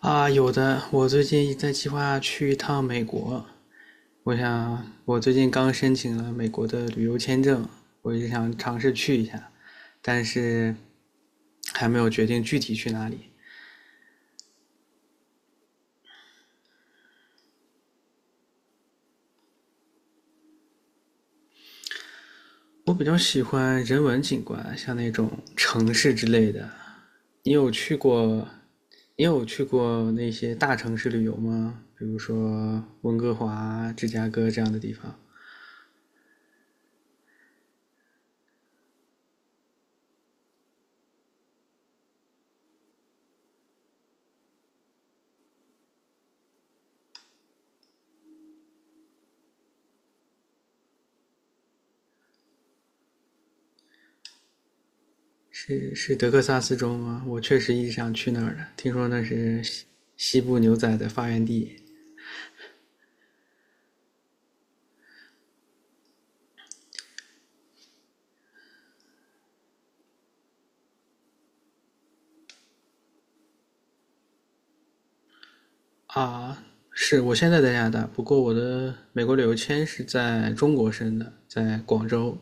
啊，有的，我最近在计划去一趟美国。我想，我最近刚申请了美国的旅游签证，我也想尝试去一下，但是还没有决定具体去哪里。我比较喜欢人文景观，像那种城市之类的。你有去过，你有去过那些大城市旅游吗？比如说温哥华、芝加哥这样的地方。是德克萨斯州吗？我确实一直想去那儿的，听说那是西部牛仔的发源地啊。是我现在在加拿大，不过我的美国旅游签是在中国申的，在广州。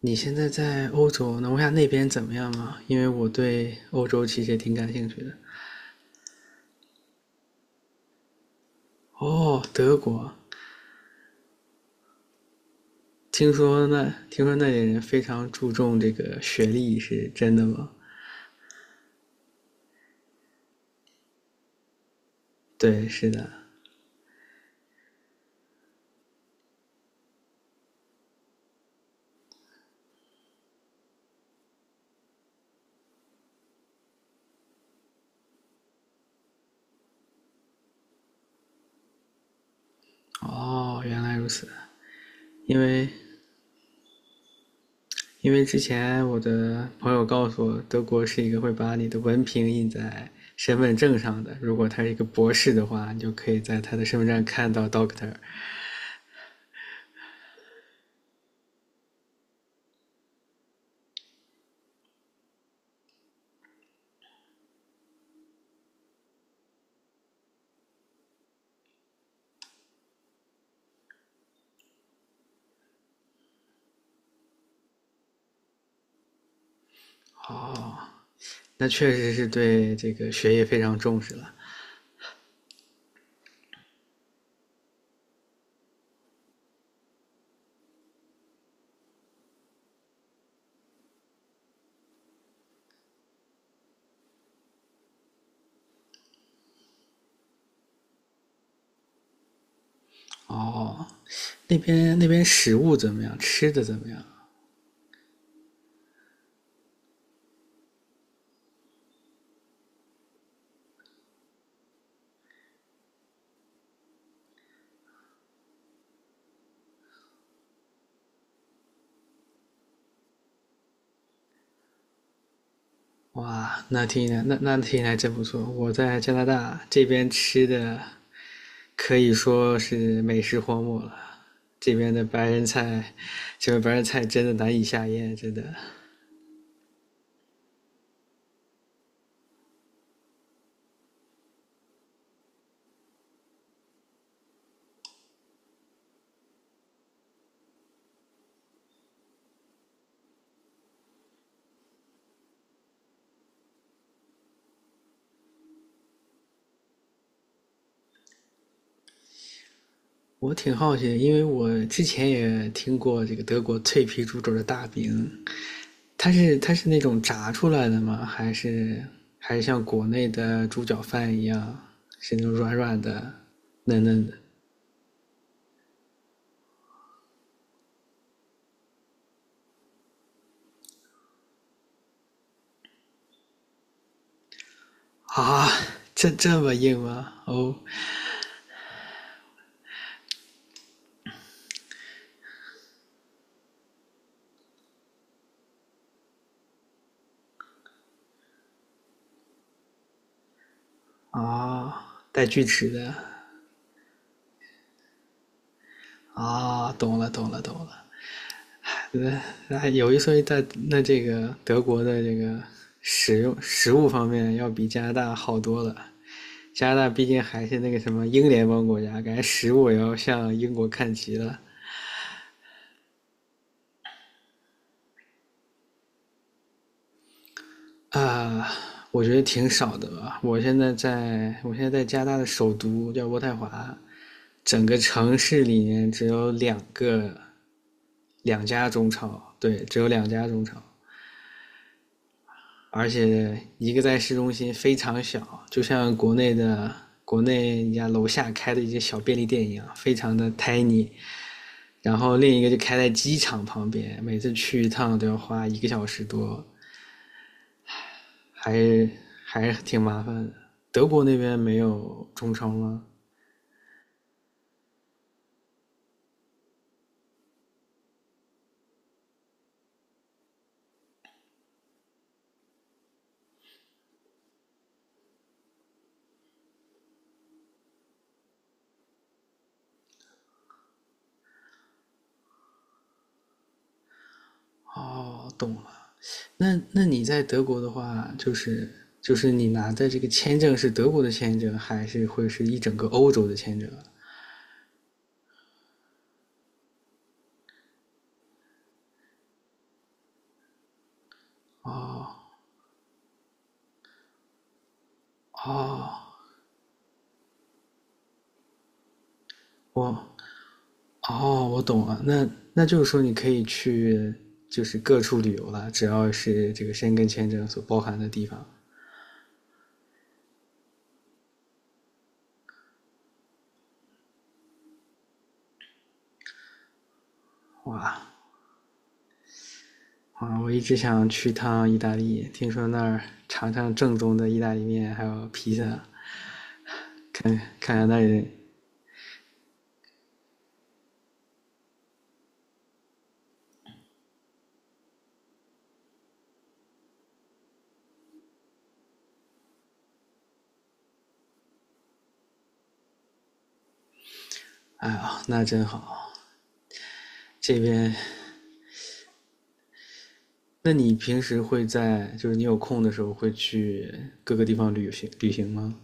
你现在在欧洲，能问下那边怎么样吗？因为我对欧洲其实也挺感兴趣的。哦，德国，听说那里人非常注重这个学历，是真的吗？对，是的。哦，原来如此。因为因为之前我的朋友告诉我，德国是一个会把你的文凭印在身份证上的。如果他是一个博士的话，你就可以在他的身份证看到 Doctor。哦，那确实是对这个学业非常重视了。哦，那边食物怎么样？吃的怎么样？哇，那听起来真不错。我在加拿大这边吃的可以说是美食荒漠了。这边的白人菜，这边白人菜真的难以下咽，真的。我挺好奇因为我之前也听过这个德国脆皮猪肘的大饼，它是那种炸出来的吗？还是像国内的猪脚饭一样，是那种软软的、嫩嫩的啊？这这么硬吗？哦啊，带锯齿的啊，懂了懂了懂了。那那有一说一，在那这个德国的这个使用食物方面，要比加拿大好多了。加拿大毕竟还是那个什么英联邦国家，感觉食物也要向英国看齐了啊、我觉得挺少的吧。我现在在加拿大的首都叫渥太华，整个城市里面只有两家中超，对，只有两家中超。而且一个在市中心非常小，就像国内人家楼下开的一些小便利店一样，非常的 tiny。然后另一个就开在机场旁边，每次去一趟都要花一个小时多，还是挺麻烦的。德国那边没有中超吗？哦，懂了。那那你在德国的话，就是你拿的这个签证是德国的签证，还是会是一整个欧洲的签证？哦哦，我哦，我懂了，那那就是说你可以去就是各处旅游了，只要是这个申根签证所包含的地方。哇啊，我一直想去趟意大利，听说那儿尝尝正宗的意大利面，还有披萨，看看看那里，哎呀，那真好。这边，那你平时会在就是你有空的时候会去各个地方旅行旅行吗？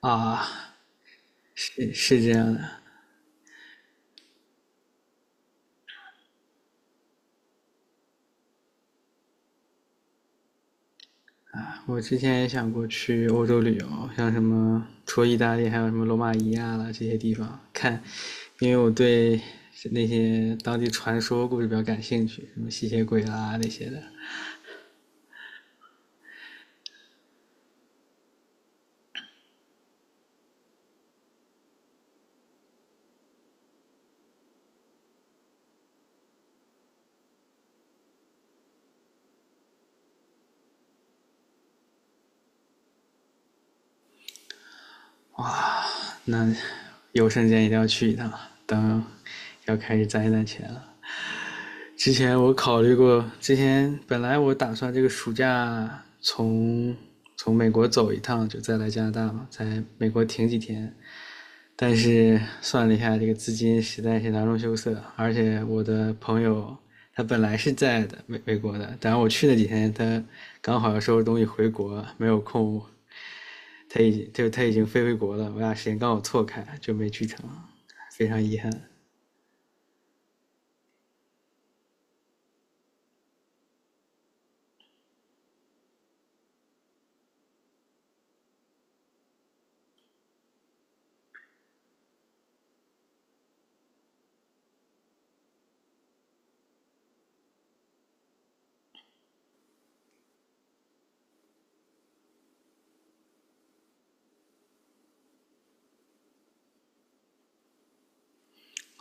啊，是是这样的，啊我之前也想过去欧洲旅游，像什么除了意大利，还有什么罗马尼亚啦这些地方看，因为我对那些当地传说故事比较感兴趣，什么吸血鬼啦那些的。那有时间一定要去一趟，等要开始攒一攒钱了。之前我考虑过，之前本来我打算这个暑假从美国走一趟，就再来加拿大嘛，在美国停几天，但是算了一下，这个资金实在是囊中羞涩，而且我的朋友他本来是在的美国的，但我去那几天他刚好要收拾东西回国，没有空，他已经飞回国了，我俩时间刚好错开，就没去成，非常遗憾。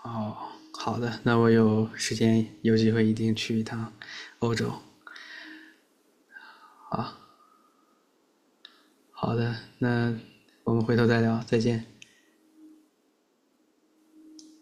哦，好的，那我有时间有机会一定去一趟欧洲。好的，那我们回头再聊，再见。